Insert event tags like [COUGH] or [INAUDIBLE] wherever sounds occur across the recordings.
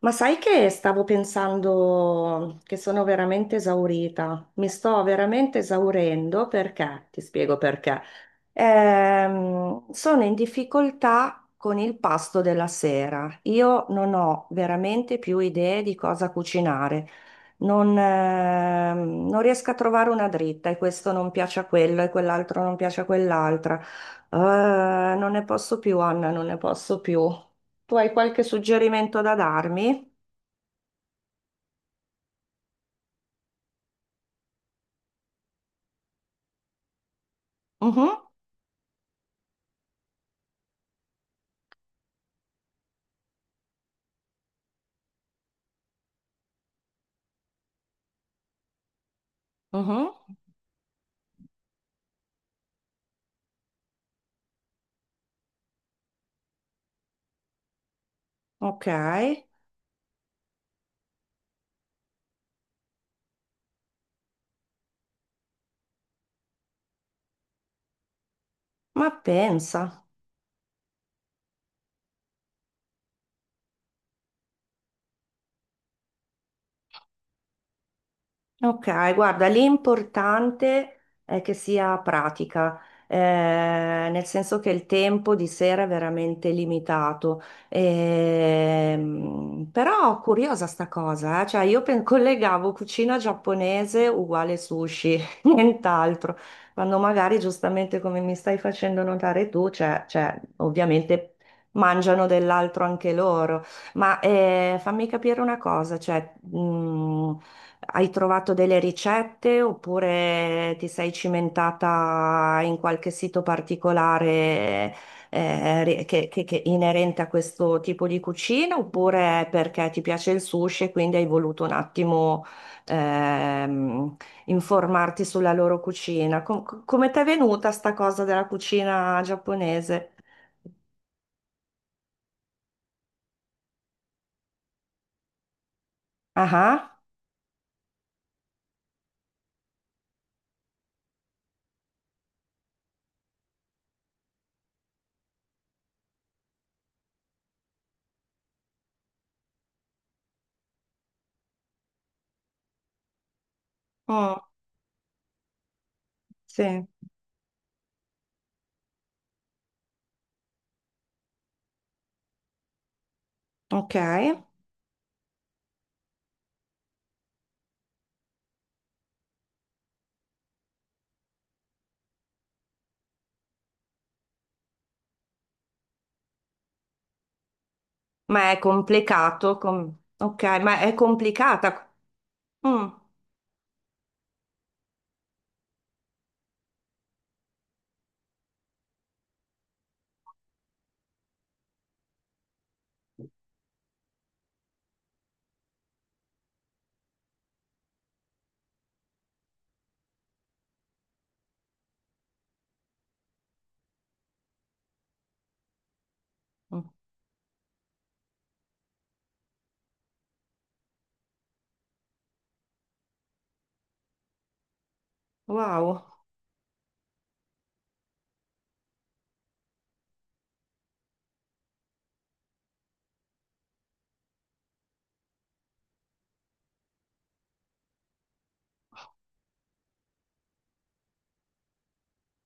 Ma sai che stavo pensando che sono veramente esaurita, mi sto veramente esaurendo perché, ti spiego perché, sono in difficoltà con il pasto della sera. Io non ho veramente più idee di cosa cucinare, non riesco a trovare una dritta e questo non piace a quello e quell'altro non piace a quell'altra. Non ne posso più, Anna, non ne posso più. Tu hai qualche suggerimento da darmi? Mhm, mhm. Ok, ma pensa. Ok, guarda, l'importante è che sia pratica, eh, nel senso che il tempo di sera è veramente limitato. Però curiosa sta cosa, cioè io collegavo cucina giapponese uguale sushi, [LAUGHS] nient'altro, quando magari giustamente come mi stai facendo notare tu, cioè, ovviamente mangiano dell'altro anche loro. Ma fammi capire una cosa, cioè, hai trovato delle ricette oppure ti sei cimentata in qualche sito particolare che inerente a questo tipo di cucina oppure perché ti piace il sushi e quindi hai voluto un attimo ehm, informarti sulla loro cucina. Come ti è venuta sta cosa della cucina giapponese? Ah, ah, mm, sì, ok. Ma è complicato, ok, ma è complicata. Mm, mm, wow,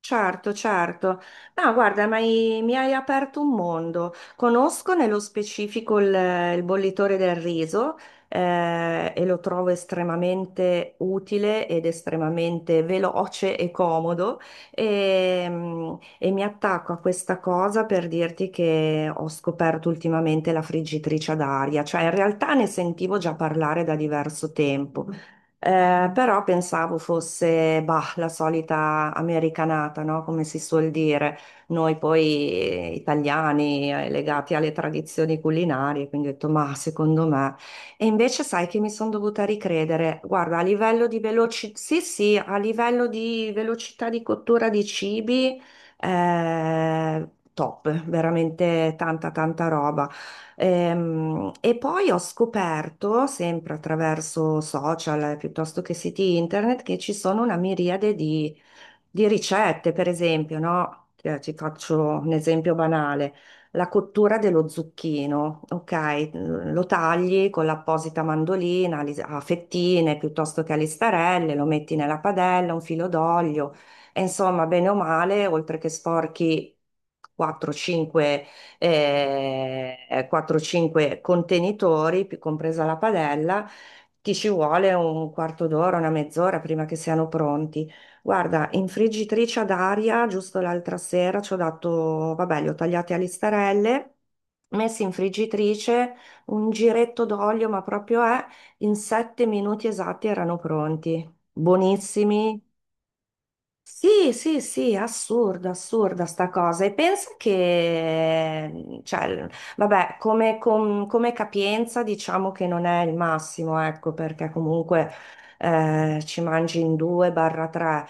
certo, certo. No, guarda, ma mi hai aperto un mondo. Conosco nello specifico il bollitore del riso e lo trovo estremamente utile ed estremamente veloce e comodo e mi attacco a questa cosa per dirti che ho scoperto ultimamente la friggitrice ad aria, cioè in realtà ne sentivo già parlare da diverso tempo. Però pensavo fosse bah, la solita americanata, no? Come si suol dire, noi poi italiani legati alle tradizioni culinarie, quindi ho detto ma secondo me. E invece sai che mi sono dovuta ricredere, guarda, a livello di sì, sì, a livello di velocità di cottura di cibi, eh, top, veramente tanta tanta roba. E poi ho scoperto, sempre attraverso social piuttosto che siti internet, che ci sono una miriade di, ricette, per esempio, no? Ti faccio un esempio banale. La cottura dello zucchino, ok? Lo tagli con l'apposita mandolina a fettine piuttosto che a listarelle, lo metti nella padella, un filo d'olio, e insomma, bene o male, oltre che sporchi 4-5 eh, 4-5 contenitori, compresa la padella, ti ci vuole un quarto d'ora, una mezz'ora prima che siano pronti. Guarda, in friggitrice ad aria, giusto l'altra sera ci ho dato, vabbè, li ho tagliati a listarelle, messi in friggitrice, un giretto d'olio, ma proprio è, in 7 minuti esatti erano pronti. Buonissimi, sì, sì, sì, assurda, assurda sta cosa. E pensa che, cioè, vabbè, come, come capienza diciamo che non è il massimo, ecco, perché comunque ci mangi in due barra tre.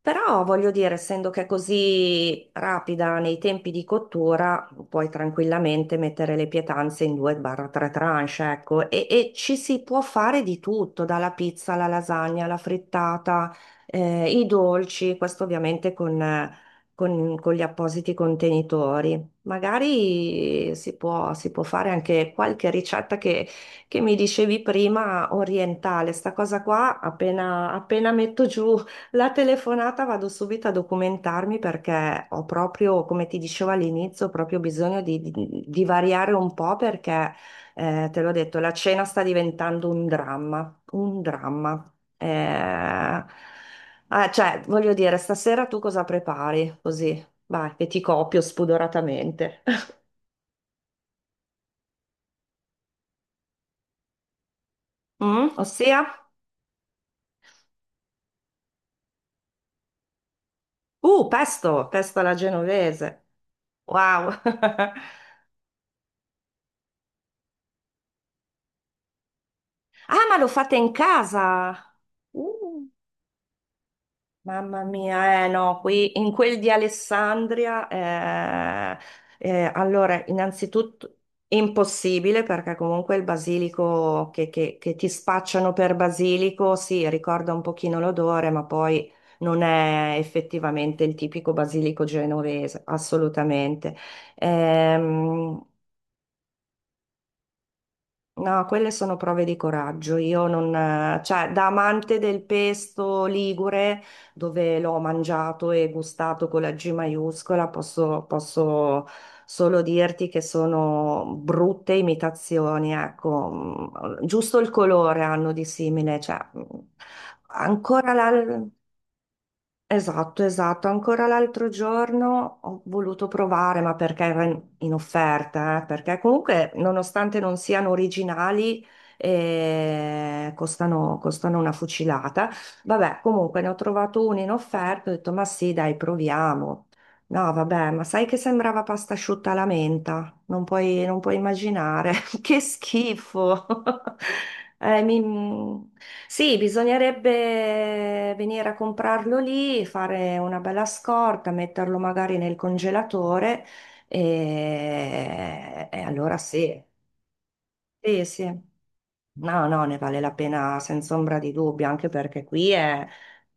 Però voglio dire, essendo che è così rapida nei tempi di cottura, puoi tranquillamente mettere le pietanze in due barra tre tranche, ecco, e ci si può fare di tutto, dalla pizza alla lasagna, alla frittata i dolci, questo ovviamente con gli appositi contenitori. Magari si può fare anche qualche ricetta che mi dicevi prima, orientale. Sta cosa qua, appena, appena metto giù la telefonata, vado subito a documentarmi perché ho proprio, come ti dicevo all'inizio, proprio bisogno di, di variare un po' perché, te l'ho detto, la cena sta diventando un dramma, un dramma. Eh, ah, cioè, voglio dire, stasera tu cosa prepari? Così, vai, che ti copio spudoratamente. [LAUGHS] Mm? Ossia? Pesto, pesto alla genovese. Wow. [LAUGHS] Ah, ma lo fate in casa? Uh. Mamma mia, eh no, qui in quel di Alessandria, allora, innanzitutto impossibile perché comunque il basilico che ti spacciano per basilico, sì, ricorda un pochino l'odore, ma poi non è effettivamente il tipico basilico genovese, assolutamente. Ehm, No, quelle sono prove di coraggio. Io non, cioè, da amante del pesto ligure, dove l'ho mangiato e gustato con la G maiuscola, posso, posso solo dirti che sono brutte imitazioni, ecco. Mm, giusto il colore hanno di simile, cioè, ancora la. Esatto, esatto. Ancora l'altro giorno ho voluto provare, ma perché era in offerta, perché comunque, nonostante non siano originali, costano, costano una fucilata. Vabbè, comunque ne ho trovato uno in offerta, ho detto, ma sì, dai, proviamo. No, vabbè, ma sai che sembrava pasta asciutta alla menta? Non puoi, non puoi immaginare. [LAUGHS] Che schifo! [LAUGHS] Eh, mi- Sì, bisognerebbe venire a comprarlo lì, fare una bella scorta, metterlo magari nel congelatore e allora sì. Sì, sì. No, no, ne vale la pena senza ombra di dubbio, anche perché qui è,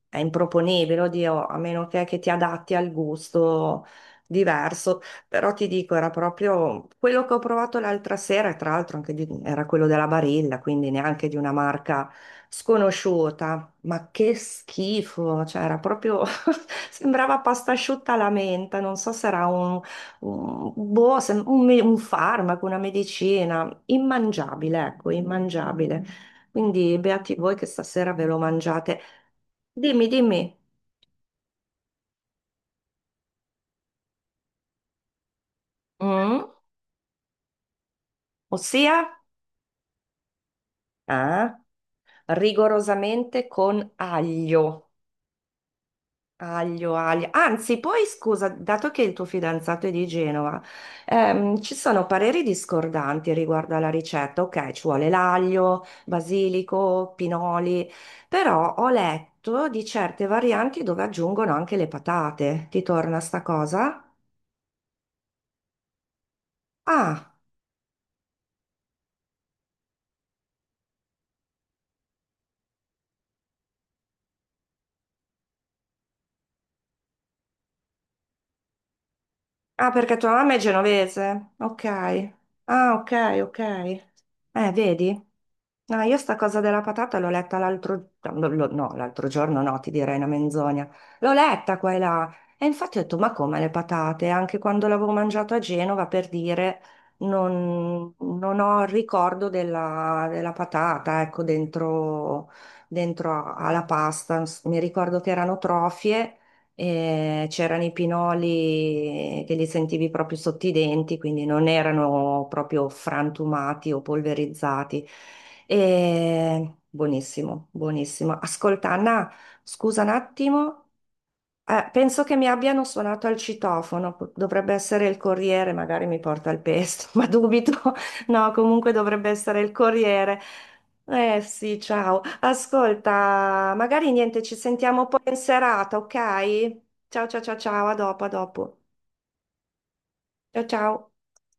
è improponibile, oddio, a meno che ti adatti al gusto diverso. Però ti dico, era proprio quello che ho provato l'altra sera, e tra l'altro anche era quello della Barilla, quindi neanche di una marca sconosciuta. Ma che schifo, cioè era proprio, [LAUGHS] sembrava pasta asciutta alla menta, non so se era un, boh, un farmaco, una medicina. Immangiabile, ecco, immangiabile. Quindi beati voi che stasera ve lo mangiate. Dimmi, dimmi. Mm? Ossia? Ah, rigorosamente con aglio. Aglio, aglio. Anzi, poi scusa, dato che il tuo fidanzato è di Genova, ci sono pareri discordanti riguardo alla ricetta. Ok, ci vuole l'aglio, basilico, pinoli, però ho letto di certe varianti dove aggiungono anche le patate. Ti torna sta cosa? Ah, ah, perché tua mamma è genovese. Ok. Ah, ok, ok. Vedi? No, io sta cosa della patata l'ho letta l'altro no, no, l'altro giorno no, ti direi una menzogna. L'ho letta qua e là. E infatti ho detto, ma come le patate? Anche quando l'avevo mangiato a Genova, per dire, non, non ho il ricordo della patata, ecco, dentro, dentro alla pasta. Mi ricordo che erano trofie c'erano i pinoli che li sentivi proprio sotto i denti, quindi non erano proprio frantumati o polverizzati. E buonissimo, buonissimo. Ascolta, Anna, scusa un attimo, penso che mi abbiano suonato al citofono, dovrebbe essere il corriere, magari mi porta il pesto, [LAUGHS] ma dubito. No, comunque dovrebbe essere il corriere. Eh sì, ciao. Ascolta, magari niente, ci sentiamo poi in serata, ok? Ciao, ciao, ciao, ciao, a dopo, a dopo. Ciao, ciao.